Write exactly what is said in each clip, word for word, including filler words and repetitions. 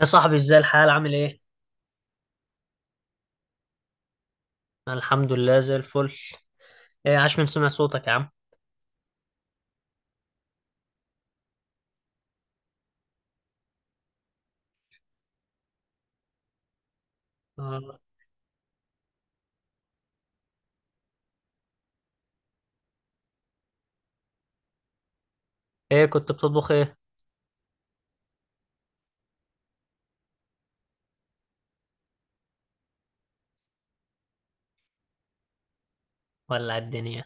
يا صاحبي، ازاي الحال عامل ايه؟ أنا الحمد لله زي الفل. ايه، عاش من سمع صوتك يا عم. آه. ايه كنت بتطبخ ايه؟ ولع الدنيا.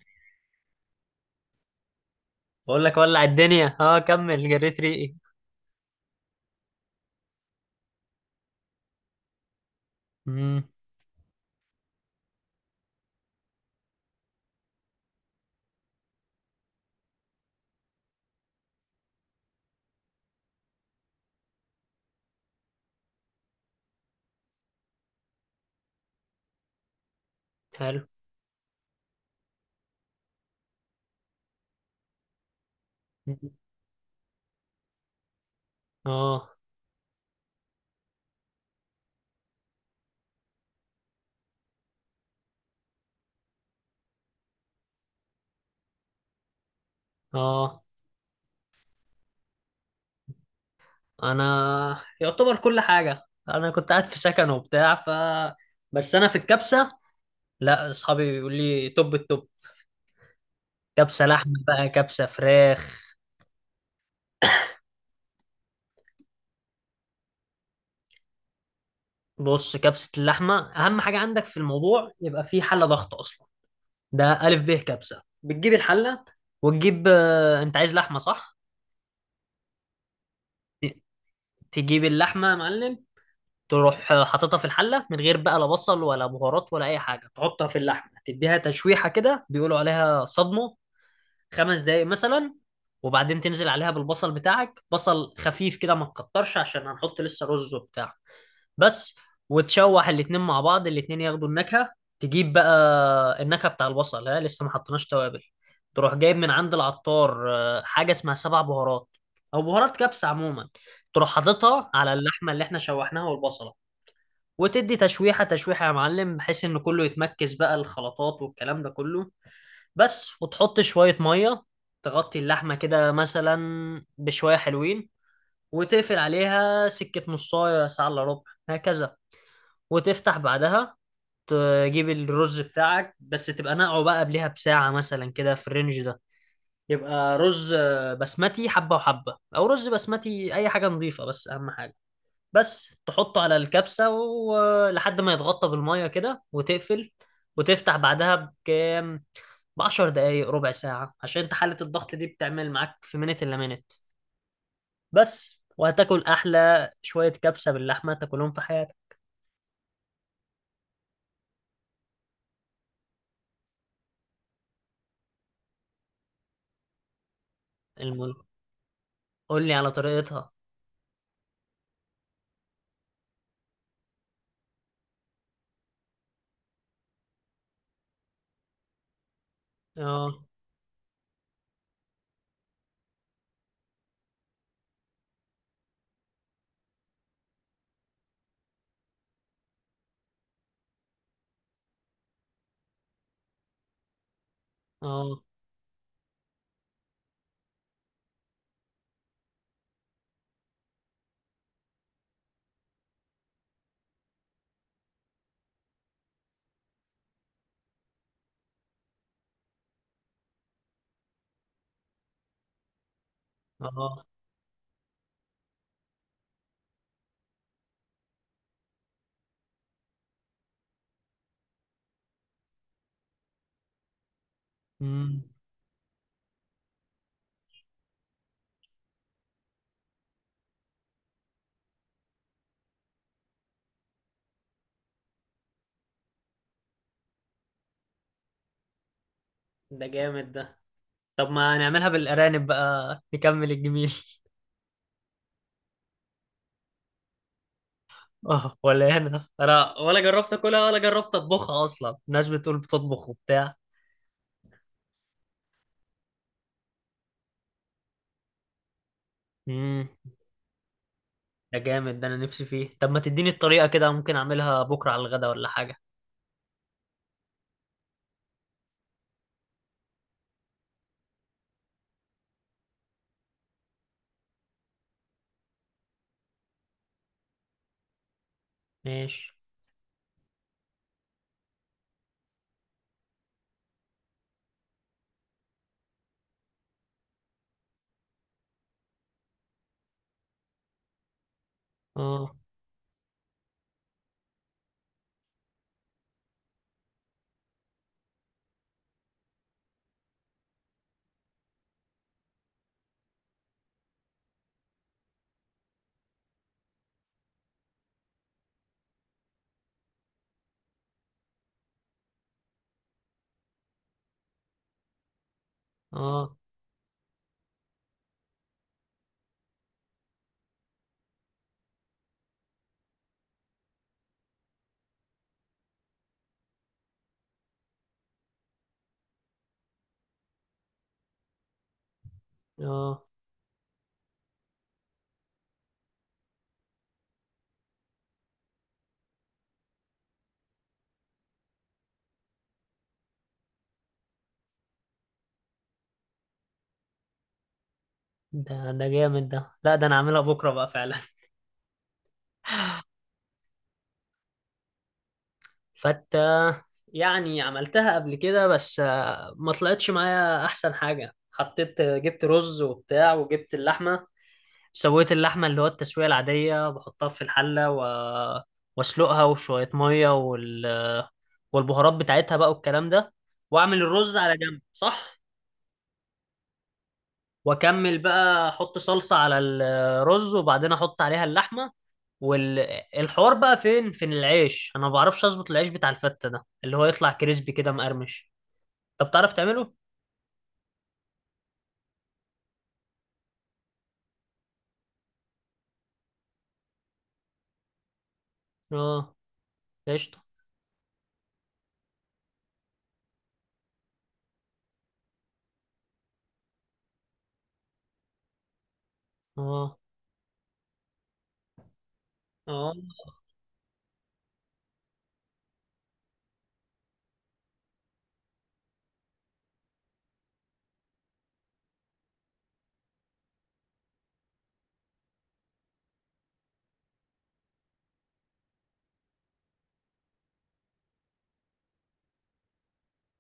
بقول لك ولع الدنيا، اه كمل جريت ريقي. امم. حلو. اه، اه، انا يعتبر كل حاجة، انا كنت قاعد في سكن وبتاع، ف بس انا في الكبسة. لا، اصحابي بيقول لي توب التوب، كبسة لحمة بقى كبسة فراخ. بص، كبسة اللحمة اهم حاجة عندك في الموضوع يبقى في حلة ضغط اصلا. ده ألف ب كبسة، بتجيب الحلة وتجيب، آه، أنت عايز لحمة صح؟ ت- تجيب اللحمة يا معلم. تروح آه، حاططها في الحلة من غير بقى لا بصل ولا بهارات ولا أي حاجة، تحطها في اللحمة تديها تشويحة كده، بيقولوا عليها صدمة، خمس دقايق مثلا. وبعدين تنزل عليها بالبصل بتاعك، بصل خفيف كده، ما تكترش عشان هنحط لسه رز وبتاع. بس، وتشوح الاتنين مع بعض، الاتنين ياخدوا النكهة. تجيب بقى النكهة بتاع البصل، ها لسه ما حطيناش توابل. تروح جايب من عند العطار آه، حاجة اسمها سبع بهارات، أو بهارات كبسة عموما. تروح حاططها على اللحمة اللي احنا شوحناها والبصلة، وتدي تشويحة، تشويحة يا معلم، بحيث إن كله يتمركز بقى، الخلطات والكلام ده كله. بس، وتحط شوية مية تغطي اللحمة كده مثلا، بشوية حلوين، وتقفل عليها سكة نصاية ساعة إلا ربع، هكذا. وتفتح بعدها، تجيب الرز بتاعك، بس تبقى نقعه بقى قبلها بساعة مثلا كده في الرينج ده، يبقى رز آه، بسمتي حبة وحبة، أو رز بسمتي، أي حاجة نظيفة، بس أهم حاجة، بس تحطه على الكبسة، ولحد ما يتغطى بالمية كده وتقفل. وتفتح بعدها بكام؟ بعشر دقايق، ربع ساعة، عشان انت حالة الضغط دي بتعمل معاك في منت إلا منت. بس، وهتاكل أحلى شوية كبسة باللحمة تاكلهم في حياتك. المهم، قول لي على طريقتها. اه. اه. اه. امم. ده جامد ده. طب ما نعملها بالارانب بقى، نكمل الجميل. اه، ولا هنا، انا ولا جربت اكلها ولا جربت اطبخها اصلا، الناس بتقول بتطبخ وبتاع. امم. ده جامد ده، انا نفسي فيه. طب ما تديني الطريقه كده، ممكن اعملها بكره على الغدا ولا حاجه. ماشي. اه. اه. اه. ده ده جامد ده، لا ده انا اعملها بكره بقى فعلا. فتة؟ يعني عملتها قبل كده، بس آه، ما طلعتش معايا احسن حاجة. حطيت، جبت رز وبتاع، وجبت اللحمة، سويت اللحمة اللي هو التسوية العادية، بحطها في الحلة و... واسلقها، وشوية مية، وال... والبهارات بتاعتها بقى والكلام ده، واعمل الرز على جنب، صح؟ واكمل بقى احط صلصة على الرز، وبعدين احط عليها اللحمة. والحوار بقى فين، فين العيش؟ انا ما بعرفش اظبط العيش بتاع الفتة ده، اللي هو يطلع كريسبي كده مقرمش. طب تعرف تعمله؟ اه. قشطة. اه. اه.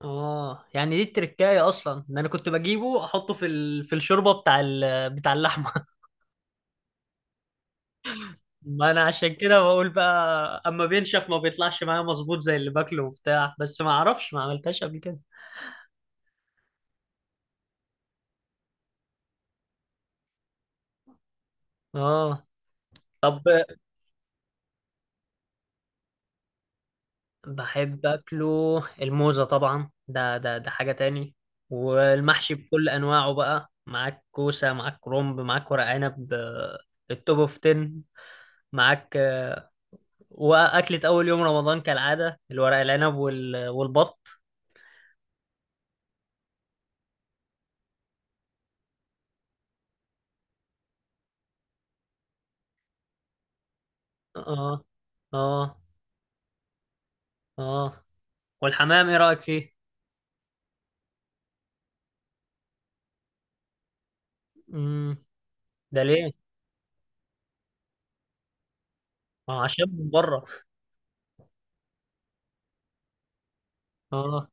اه، يعني دي التركايه اصلا؟ ده انا كنت بجيبه احطه في ال... في الشوربه بتاع ال... بتاع اللحمه. ما انا عشان كده بقول بقى، اما بينشف ما بيطلعش معايا مظبوط زي اللي باكله وبتاع، بس ما اعرفش، ما عملتهاش قبل كده. اه. طب. بحب اكله الموزه طبعا، ده ده ده حاجه تاني. والمحشي بكل انواعه بقى، معاك كوسه، معاك كرنب، معاك ورق عنب، آه، التوب اوف تن. معاك. واكلة اول يوم رمضان كالعادة، الورق العنب وال... والبط. اه. اه. اه. والحمام، ايه رأيك فيه؟ امم. ده ليه؟ ما هو عشان من بره. اه.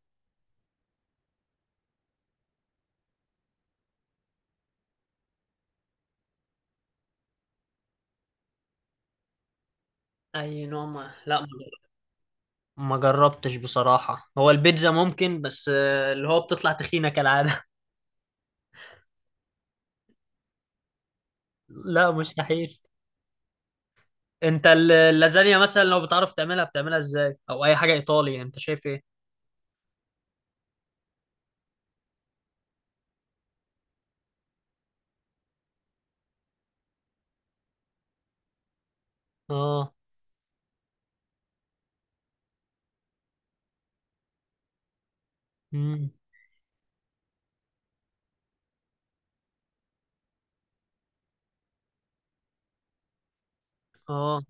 اي نوع؟ ما لا، ما جربتش بصراحة، هو البيتزا ممكن، بس آه، اللي هو بتطلع تخينة كالعادة. لا، مستحيل. انت ال- اللازانيا مثلا لو بتعرف تعملها، بتعملها ازاي، او اي حاجة ايطالي، يعني انت شايف ايه؟ اه. امم. اه،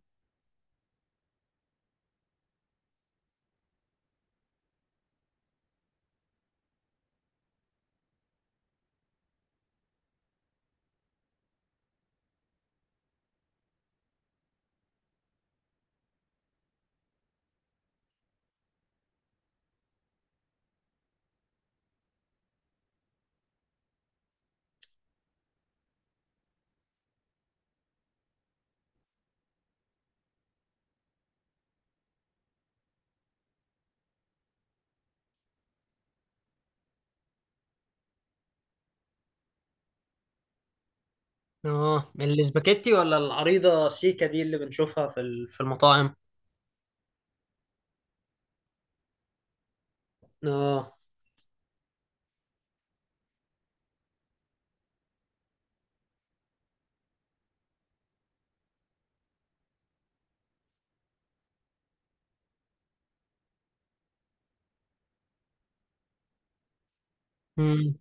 اه الاسباجيتي ولا العريضة سيكا دي اللي بنشوفها في ال- في المطاعم؟ اه. امم.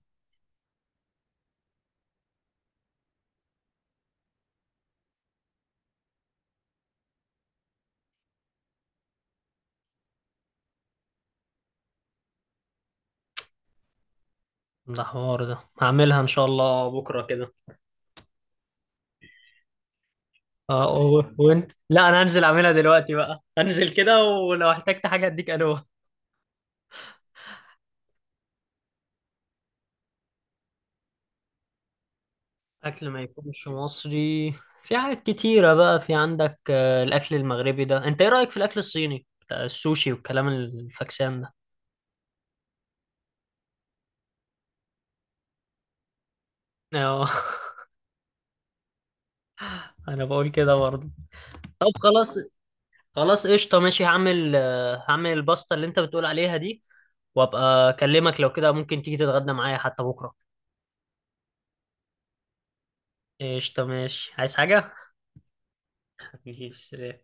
ده حوار ده، هعملها ان شاء الله بكرة كده. اه، و- وانت، لا انا هنزل اعملها دلوقتي بقى، هنزل كده، ولو احتجت حاجة اديك الوه. اكل ما يكونش مصري؟ في حاجات كتيرة بقى. في عندك آه، الاكل المغربي ده، انت ايه رأيك في الاكل الصيني بتاع السوشي والكلام الفاكسان ده؟ اه. انا بقول كده برضه. طب خلاص، خلاص قشطة، ماشي، هعمل آه، هعمل الباستا اللي انت بتقول عليها دي، وابقى اكلمك، لو كده ممكن تيجي تتغدى معايا حتى بكرة. قشطة ماشي، عايز حاجة؟ حبيبي.